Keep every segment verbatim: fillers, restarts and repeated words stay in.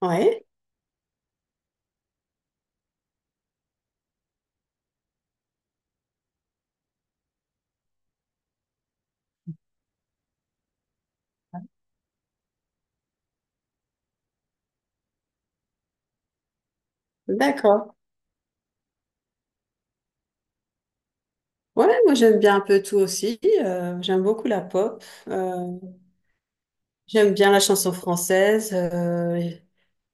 Ouais, d'accord. Ouais, moi j'aime bien un peu tout aussi. Euh, j'aime beaucoup la pop. Euh, j'aime bien la chanson française. Euh,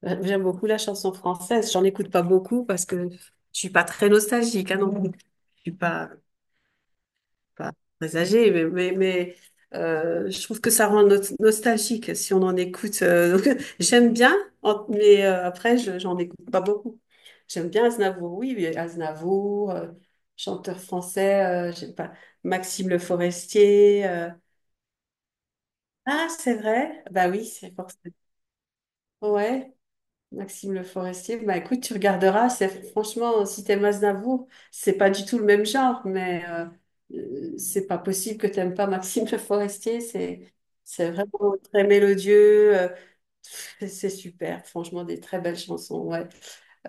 euh, J'aime beaucoup la chanson française. J'en écoute pas beaucoup parce que je suis pas très nostalgique, hein, non plus. Je suis pas. Pas très âgé, mais, mais, mais, euh, je trouve que ça rend no- nostalgique si on en écoute. Euh, donc, j'aime bien, en- mais euh, après, je, j'en écoute pas beaucoup. J'aime bien Aznavour, oui, mais Aznavour, euh, chanteur français, euh, j'aime pas, Maxime Le Forestier. euh. Ah, c'est vrai? Bah oui, c'est forcément. Ouais, Maxime Le Forestier, bah écoute, tu regarderas, c'est franchement, si t'aimes Aznavour, c'est pas du tout le même genre, mais euh, euh, c'est pas possible que t'aimes pas Maxime Le Forestier, c'est c'est vraiment très mélodieux, euh, c'est c'est super, franchement, des très belles chansons, ouais.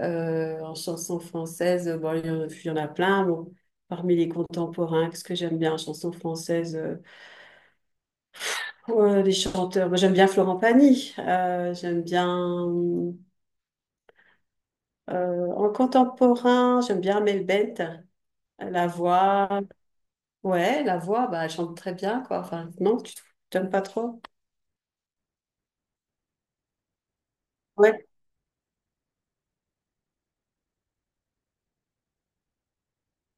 Euh, en chanson française, euh, bon, il y en, il y en a plein, bon. Parmi les contemporains, qu'est-ce que j'aime bien en chanson française, euh, euh, les chanteurs, moi j'aime bien Florent Pagny, euh, j'aime bien. Euh, en contemporain, j'aime bien Mel Bent, la voix. Ouais, la voix, bah, elle chante très bien, quoi. Enfin, non, tu t'aimes pas trop? Ouais.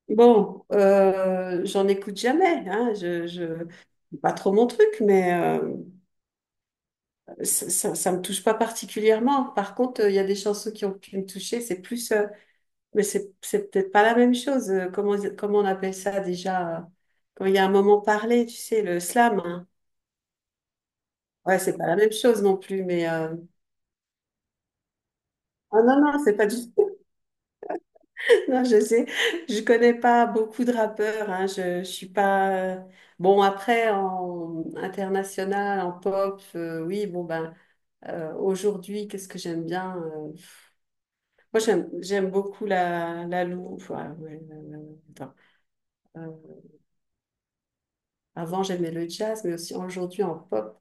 Bon, euh, j'en écoute jamais, hein. Je, je... C'est pas trop mon truc, mais euh, ça, ça, ça me touche pas particulièrement. Par contre, euh, il y a des chansons qui ont pu me toucher. C'est plus, euh, mais c'est c'est peut-être pas la même chose. Euh, Comment, comment on appelle ça déjà? euh, Quand il y a un moment parlé, tu sais, le slam. Hein. Ouais, c'est pas la même chose non plus, mais euh, ah non, non, c'est pas du tout. Non, je sais, je connais pas beaucoup de rappeurs. Hein. Je, je suis pas. euh, Bon, après, en international, en pop, euh, oui, bon, ben, euh, aujourd'hui, qu'est-ce que j'aime bien? euh, Moi, j'aime, j'aime beaucoup la, la Lou. Enfin, ouais, euh, attends. Euh, Avant, j'aimais le jazz, mais aussi aujourd'hui en pop.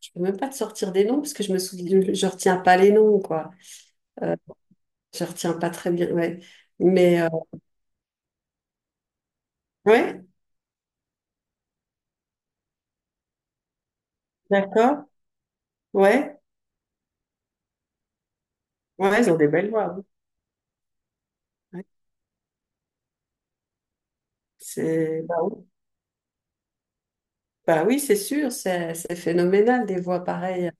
Je peux même pas te sortir des noms parce que je me souviens, je, je retiens pas les noms, quoi. Euh, je retiens pas très bien, ouais. Mais, euh, ouais, d'accord, ouais. Ouais, ils ont des belles voix. Oui. Ouais. C'est, bah oui, bah oui, c'est sûr, c'est c'est phénoménal des voix pareilles.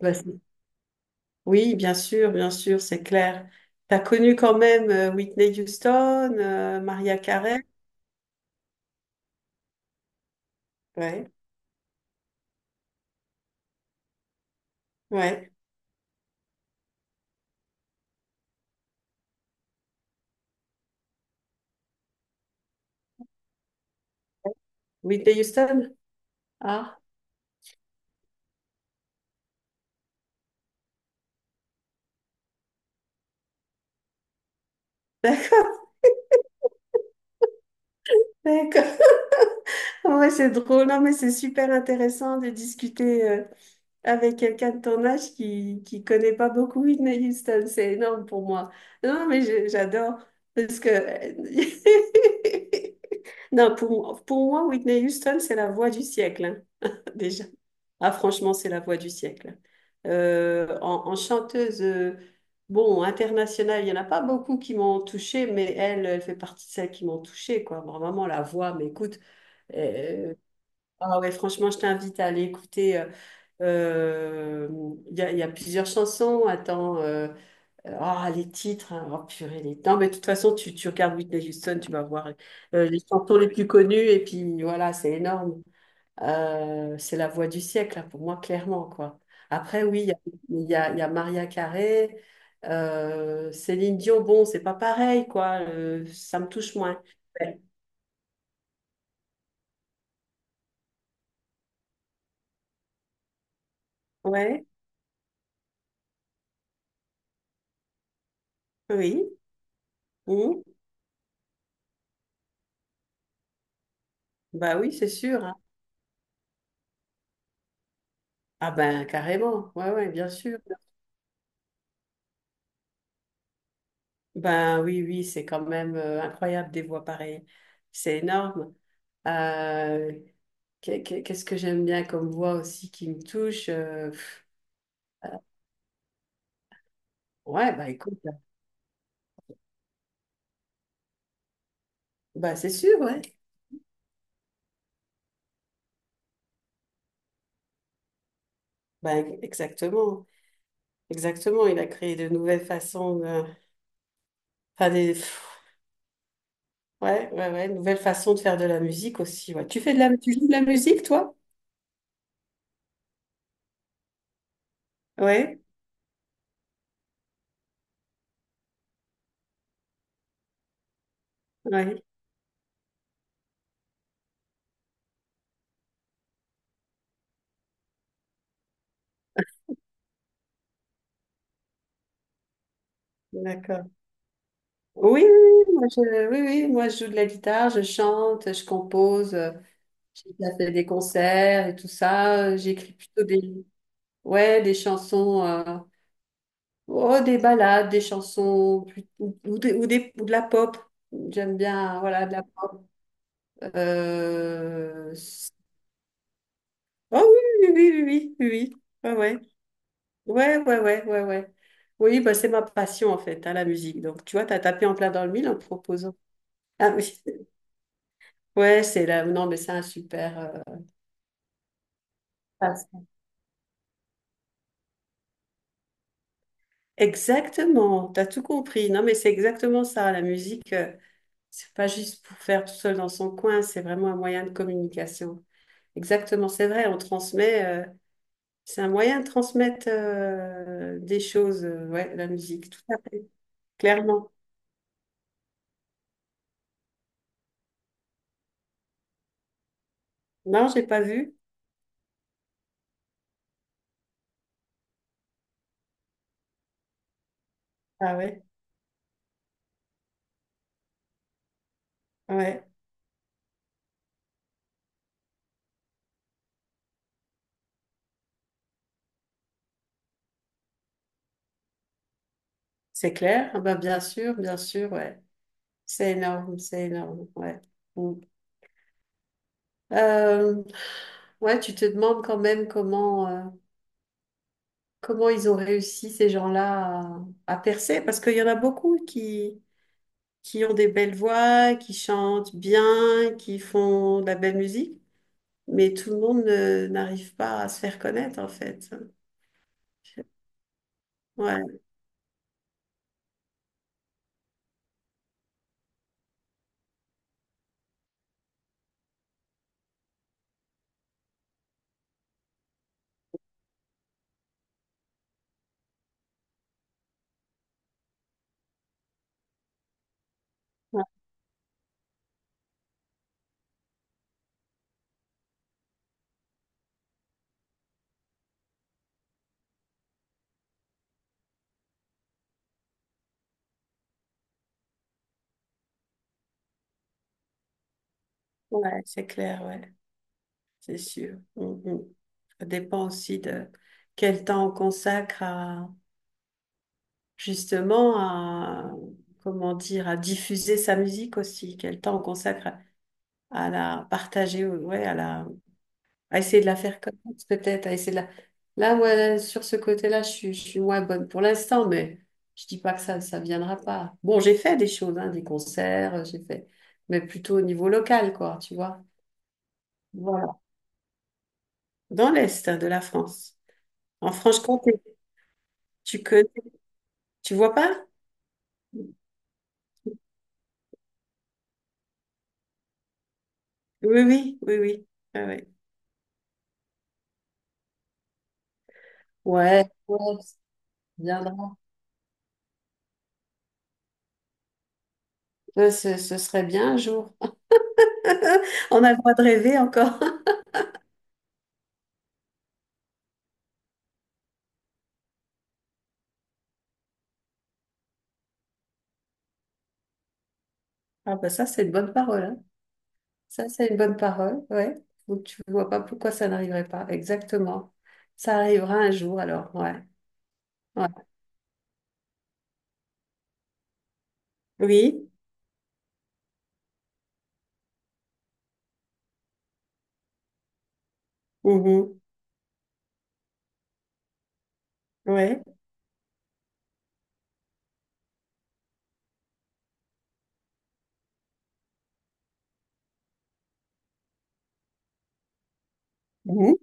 Bah, c'est- oui, bien sûr, bien sûr, c'est clair. T'as connu quand même euh, Whitney Houston, euh, Mariah Carey. Ouais, ouais. Whitney Houston? Ah, d'accord. Ouais, c'est drôle. Non, mais c'est super intéressant de discuter. Euh, avec quelqu'un de ton âge qui qui connaît pas beaucoup Whitney Houston. C'est énorme pour moi. Non, mais je- j'adore parce que non, pour pour moi Whitney Houston c'est la voix du siècle hein, déjà. Ah franchement c'est la voix du siècle. Euh, en, en chanteuse euh, bon internationale il y en a pas beaucoup qui m'ont touchée mais elle elle fait partie de celles qui m'ont touchée quoi. Bon, vraiment la voix mais écoute euh, ah ouais, franchement, je t'invite à aller écouter. euh, euh, Il y a, il y a plusieurs chansons. Attends, euh, euh, ah, les titres. Hein, oh purée, les... Non, mais de toute façon, tu, tu regardes Whitney Houston, tu vas voir euh, les chansons les plus connues. Et puis voilà, c'est énorme. Euh, c'est la voix du siècle, là, pour moi, clairement, quoi. Après, oui, il y a, il y a- il y a Maria Carey, euh, Céline Dion. Bon, c'est pas pareil, quoi. Euh, ça me touche moins. Ouais, ouais, oui. Hum, bah oui, c'est sûr. Hein. Ah ben carrément, ouais, ouais, bien sûr. Ben oui, oui, c'est quand même euh, incroyable des voix pareilles. C'est énorme. Euh, qu'est- qu'est- Qu'est-ce que j'aime bien comme voix aussi qui me touche? Euh, pff, ouais, bah écoute, bah c'est sûr, ouais. Bah e-, exactement, exactement. Il a créé de nouvelles façons de... Enfin, des... pff, ouais, ouais, ouais, nouvelles façons de faire de la musique aussi. Ouais. Tu fais de la... Tu joues de la musique, toi? Ouais, ouais, d'accord. Oui, oui, moi je, oui, oui, moi je joue de la guitare, je chante, je compose, euh, j'ai déjà fait des concerts et tout ça. euh, J'écris plutôt des, ouais, des chansons, euh, oh, des ballades, des chansons plus- ou, ou des, ou, des- ou de la pop. J'aime bien, voilà, de la, euh, s- oh oui, oui, oui, oui, oui, oui, oui, ouais, ouais, ouais, ouais, ouais, ouais. Ouais. Oui, bah, c'est ma passion en fait, hein, la musique. Donc tu vois, t'as tapé en plein dans le mille en proposant. Ah oui. Ouais, c'est là. Non, mais c'est un super. Euh, passe. Exactement, t'as tout compris. Non, mais c'est exactement ça. La musique, euh, c'est pas juste pour faire tout seul dans son coin, c'est vraiment un moyen de communication. Exactement, c'est vrai, on transmet, euh, c'est un moyen de transmettre euh, des choses, euh, ouais, la musique, tout à fait, clairement. Non, j'ai pas vu. Ah ouais, ouais, c'est clair. Ah bah, bien sûr, bien sûr, ouais. C'est énorme, c'est énorme, ouais. Mm. Euh, ouais, tu te demandes quand même comment. euh, Comment ils ont réussi ces gens-là à, à percer? Parce qu'il y en a beaucoup qui, qui ont des belles voix, qui chantent bien, qui font de la belle musique, mais tout le monde ne- n'arrive pas à se faire connaître en fait. Ouais, ouais, ouais, c'est clair, ouais, c'est sûr. Mm, mm. Ça dépend aussi de quel temps on consacre à justement à comment dire à diffuser sa musique aussi, quel temps on consacre à, à la partager, ouais, à la à essayer de la faire connaître, peut-être, à essayer de la... Là, ouais, sur ce côté-là, je suis, je suis moins bonne pour l'instant, mais je dis pas que ça, ça viendra pas. Bon, j'ai fait des choses, hein, des concerts, euh, j'ai fait, mais plutôt au niveau local, quoi, tu vois. Voilà. Dans l'Est hein, de la France, en Franche-Comté, tu connais, tu vois pas? Oui, oui, oui, oui. Ah ouais. Ouais, ouais, ça viendra. Ouais, ce, ce serait bien un jour. On a le droit de rêver encore. Ah, bah ça, c'est une bonne parole, hein. Ça, c'est une bonne parole, ouais. Donc, tu vois pas pourquoi ça n'arriverait pas. Exactement. Ça arrivera un jour, alors, ouais. Ouais. Oui. Mhm. Ouais. Mhm.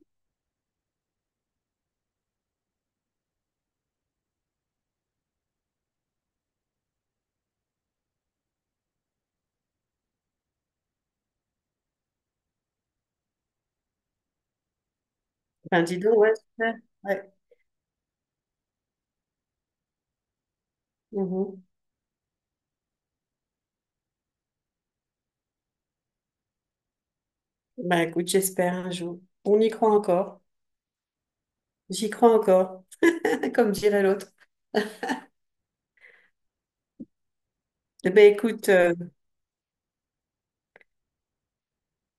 Ben, dis donc, ouais. J'espère. Ouais. Mhm. Ben, écoute, j'espère un jour. On y croit encore. J'y crois encore, comme dirait l'autre. Eh ben, écoute, euh,